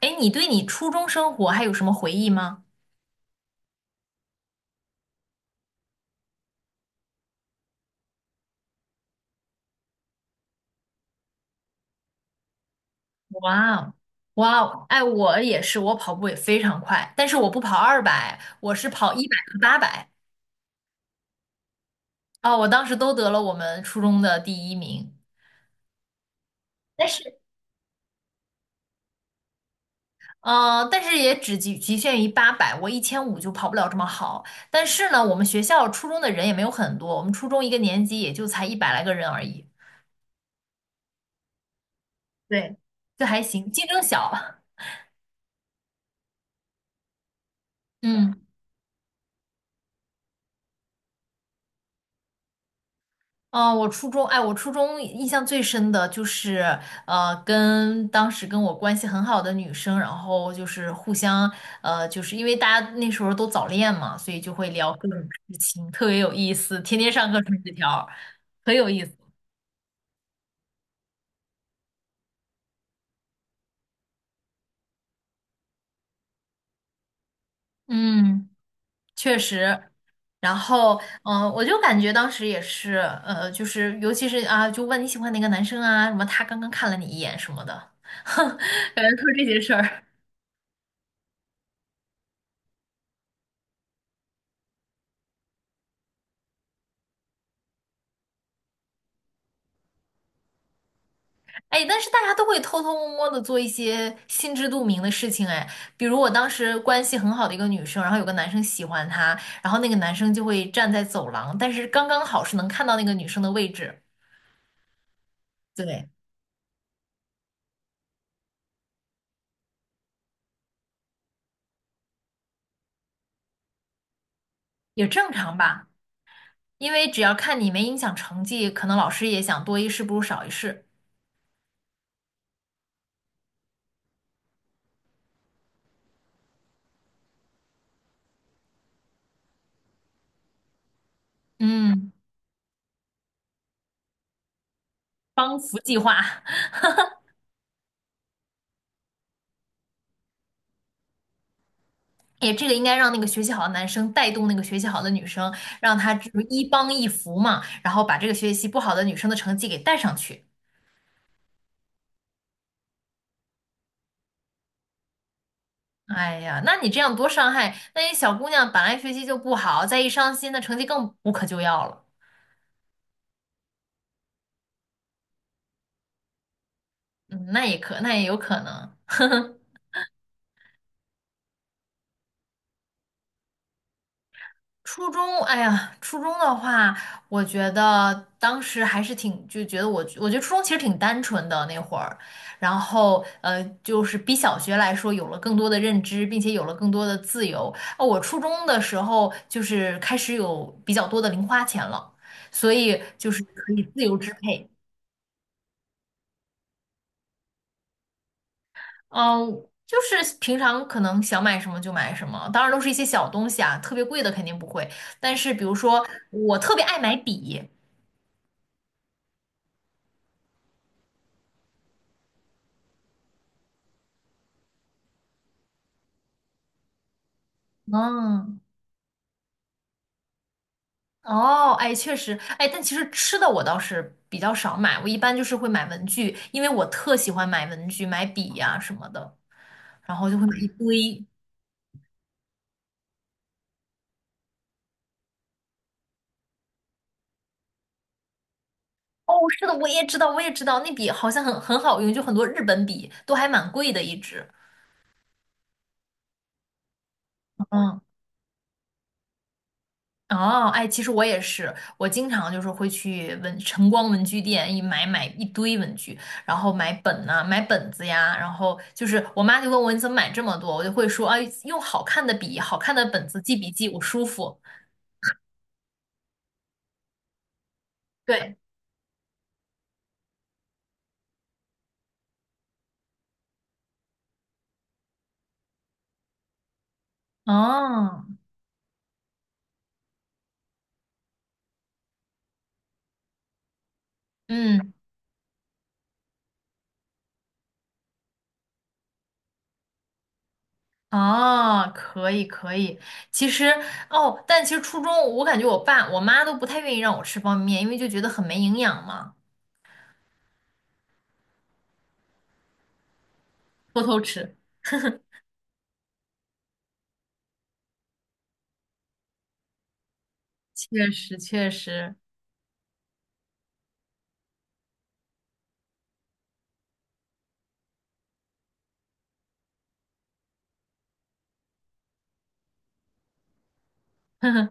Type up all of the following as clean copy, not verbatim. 哎，你对你初中生活还有什么回忆吗？哇哦，哇哦，哎，我也是，我跑步也非常快，但是我不跑200，我是跑一百和八百。啊，我当时都得了我们初中的第一名，但是，但是也只局限于八百，我1500就跑不了这么好。但是呢，我们学校初中的人也没有很多，我们初中一个年级也就才一百来个人而已，对，就还行，竞争小。嗯。嗯，我初中，哎，我初中印象最深的就是，跟当时跟我关系很好的女生，然后就是互相，就是因为大家那时候都早恋嘛，所以就会聊各种事情，特别有意思，天天上课传纸条，很有意思。嗯，确实。然后，我就感觉当时也是，就是尤其是啊，就问你喜欢哪个男生啊，什么他刚刚看了你一眼什么的，感觉都是这些事儿。哎，但是大家都会偷偷摸摸的做一些心知肚明的事情，哎，比如我当时关系很好的一个女生，然后有个男生喜欢她，然后那个男生就会站在走廊，但是刚刚好是能看到那个女生的位置，对，也正常吧，因为只要看你没影响成绩，可能老师也想多一事不如少一事，嗯，帮扶计划。也这个应该让那个学习好的男生带动那个学习好的女生，让她就是一帮一扶嘛，然后把这个学习不好的女生的成绩给带上去。哎呀，那你这样多伤害，那些小姑娘本来学习就不好，再一伤心，那成绩更无可救药了。嗯，那也有可能。哎呀，初中的话，我觉得当时还是挺，就觉得我，我觉得初中其实挺单纯的那会儿，然后就是比小学来说有了更多的认知，并且有了更多的自由。哦，我初中的时候就是开始有比较多的零花钱了，所以就是可以自由支配。嗯，就是平常可能想买什么就买什么，当然都是一些小东西啊，特别贵的肯定不会。但是比如说，我特别爱买笔，嗯，哦，哎，确实。哎，但其实吃的我倒是比较少买，我一般就是会买文具，因为我特喜欢买文具、买笔呀、什么的，然后就会买一堆。哦，是的，我也知道，我也知道，那笔好像很好用，就很多日本笔都还蛮贵的一支。嗯。哦，哎，其实我也是，我经常就是会去文晨光文具店一买买一堆文具，然后买本呐、买本子呀，然后就是我妈就问我你怎么买这么多，我就会说啊，用好看的笔、好看的本子记笔记，我舒服。对，哦，嗯，哦，可以可以。其实哦，但其实初中我感觉我爸我妈都不太愿意让我吃方便面，因为就觉得很没营养嘛，偷偷吃。确实确实。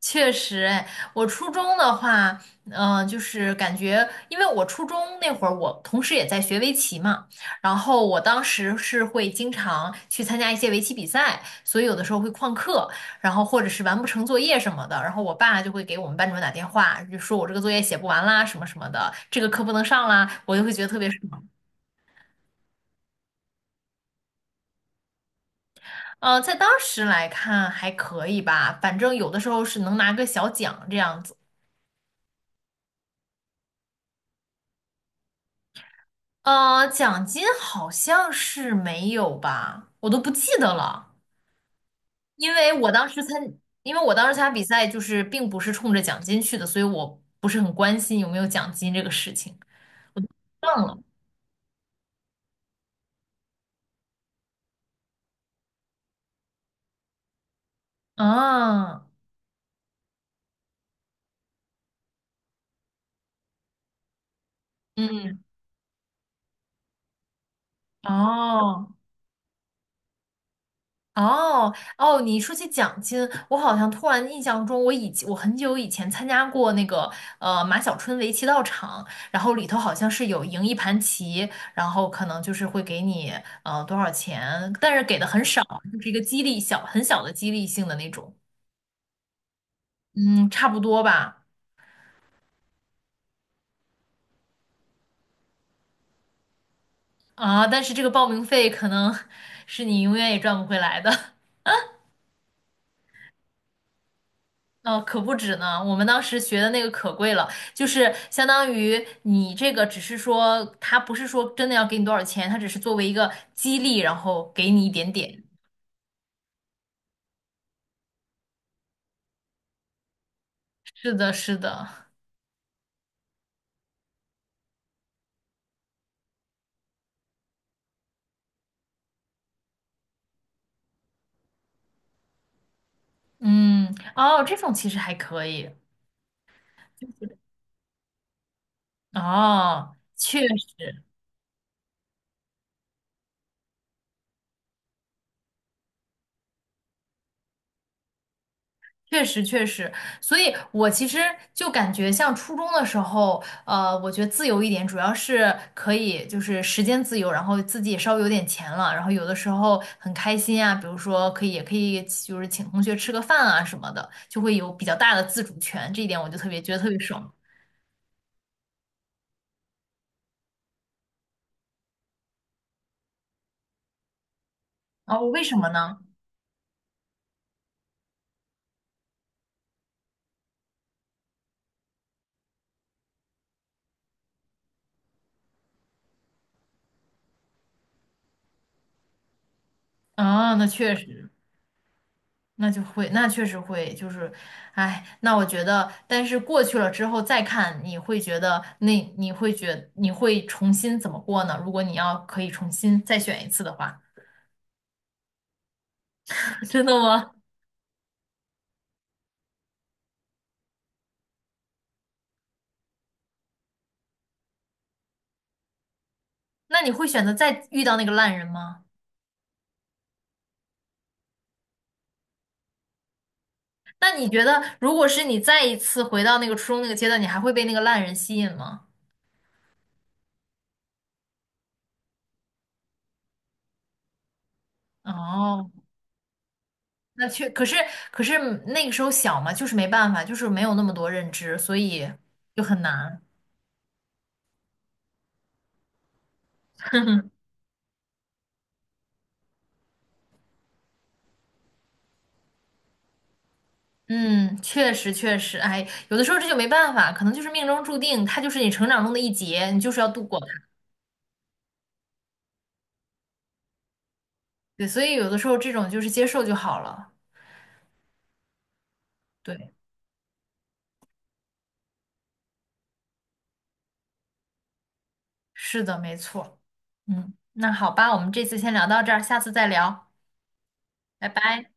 确实。哎，我初中的话，就是感觉，因为我初中那会儿，我同时也在学围棋嘛，然后我当时是会经常去参加一些围棋比赛，所以有的时候会旷课，然后或者是完不成作业什么的，然后我爸就会给我们班主任打电话，就说我这个作业写不完啦，什么什么的，这个课不能上啦，我就会觉得特别爽。在当时来看还可以吧，反正有的时候是能拿个小奖这样子。奖金好像是没有吧，我都不记得了，因为我当时参，因为我当时参加比赛就是并不是冲着奖金去的，所以我不是很关心有没有奖金这个事情，忘了啊，嗯，哦。哦哦，你说起奖金，我好像突然印象中，我很久以前参加过那个马小春围棋道场，然后里头好像是有赢一盘棋，然后可能就是会给你多少钱，但是给的很少，就是一个激励小很小的激励性的那种，嗯，差不多吧，啊，但是这个报名费可能 是你永远也赚不回来的。哦，可不止呢。我们当时学的那个可贵了，就是相当于你这个只是说，他不是说真的要给你多少钱，他只是作为一个激励，然后给你一点点。是的，是的，嗯，哦，这种其实还可以，哦，确实，确实确实，所以我其实就感觉像初中的时候，我觉得自由一点，主要是可以就是时间自由，然后自己也稍微有点钱了，然后有的时候很开心啊，比如说可以就是请同学吃个饭啊什么的，就会有比较大的自主权，这一点我就特别觉得特别爽。哦，为什么呢？啊，那确实。那确实会，就是，哎，那我觉得，但是过去了之后再看，你会觉得那你会觉你会重新怎么过呢？如果你要可以重新再选一次的话，真的吗？那你会选择再遇到那个烂人吗？那你觉得，如果是你再一次回到那个初中那个阶段，你还会被那个烂人吸引吗？哦，那确，可是可是那个时候小嘛，就是没办法，就是没有那么多认知，所以就很难。嗯，确实确实，哎，有的时候这就没办法，可能就是命中注定，它就是你成长中的一劫，你就是要度过它。对，所以有的时候这种就是接受就好了。对，是的，没错。嗯，那好吧，我们这次先聊到这儿，下次再聊，拜拜。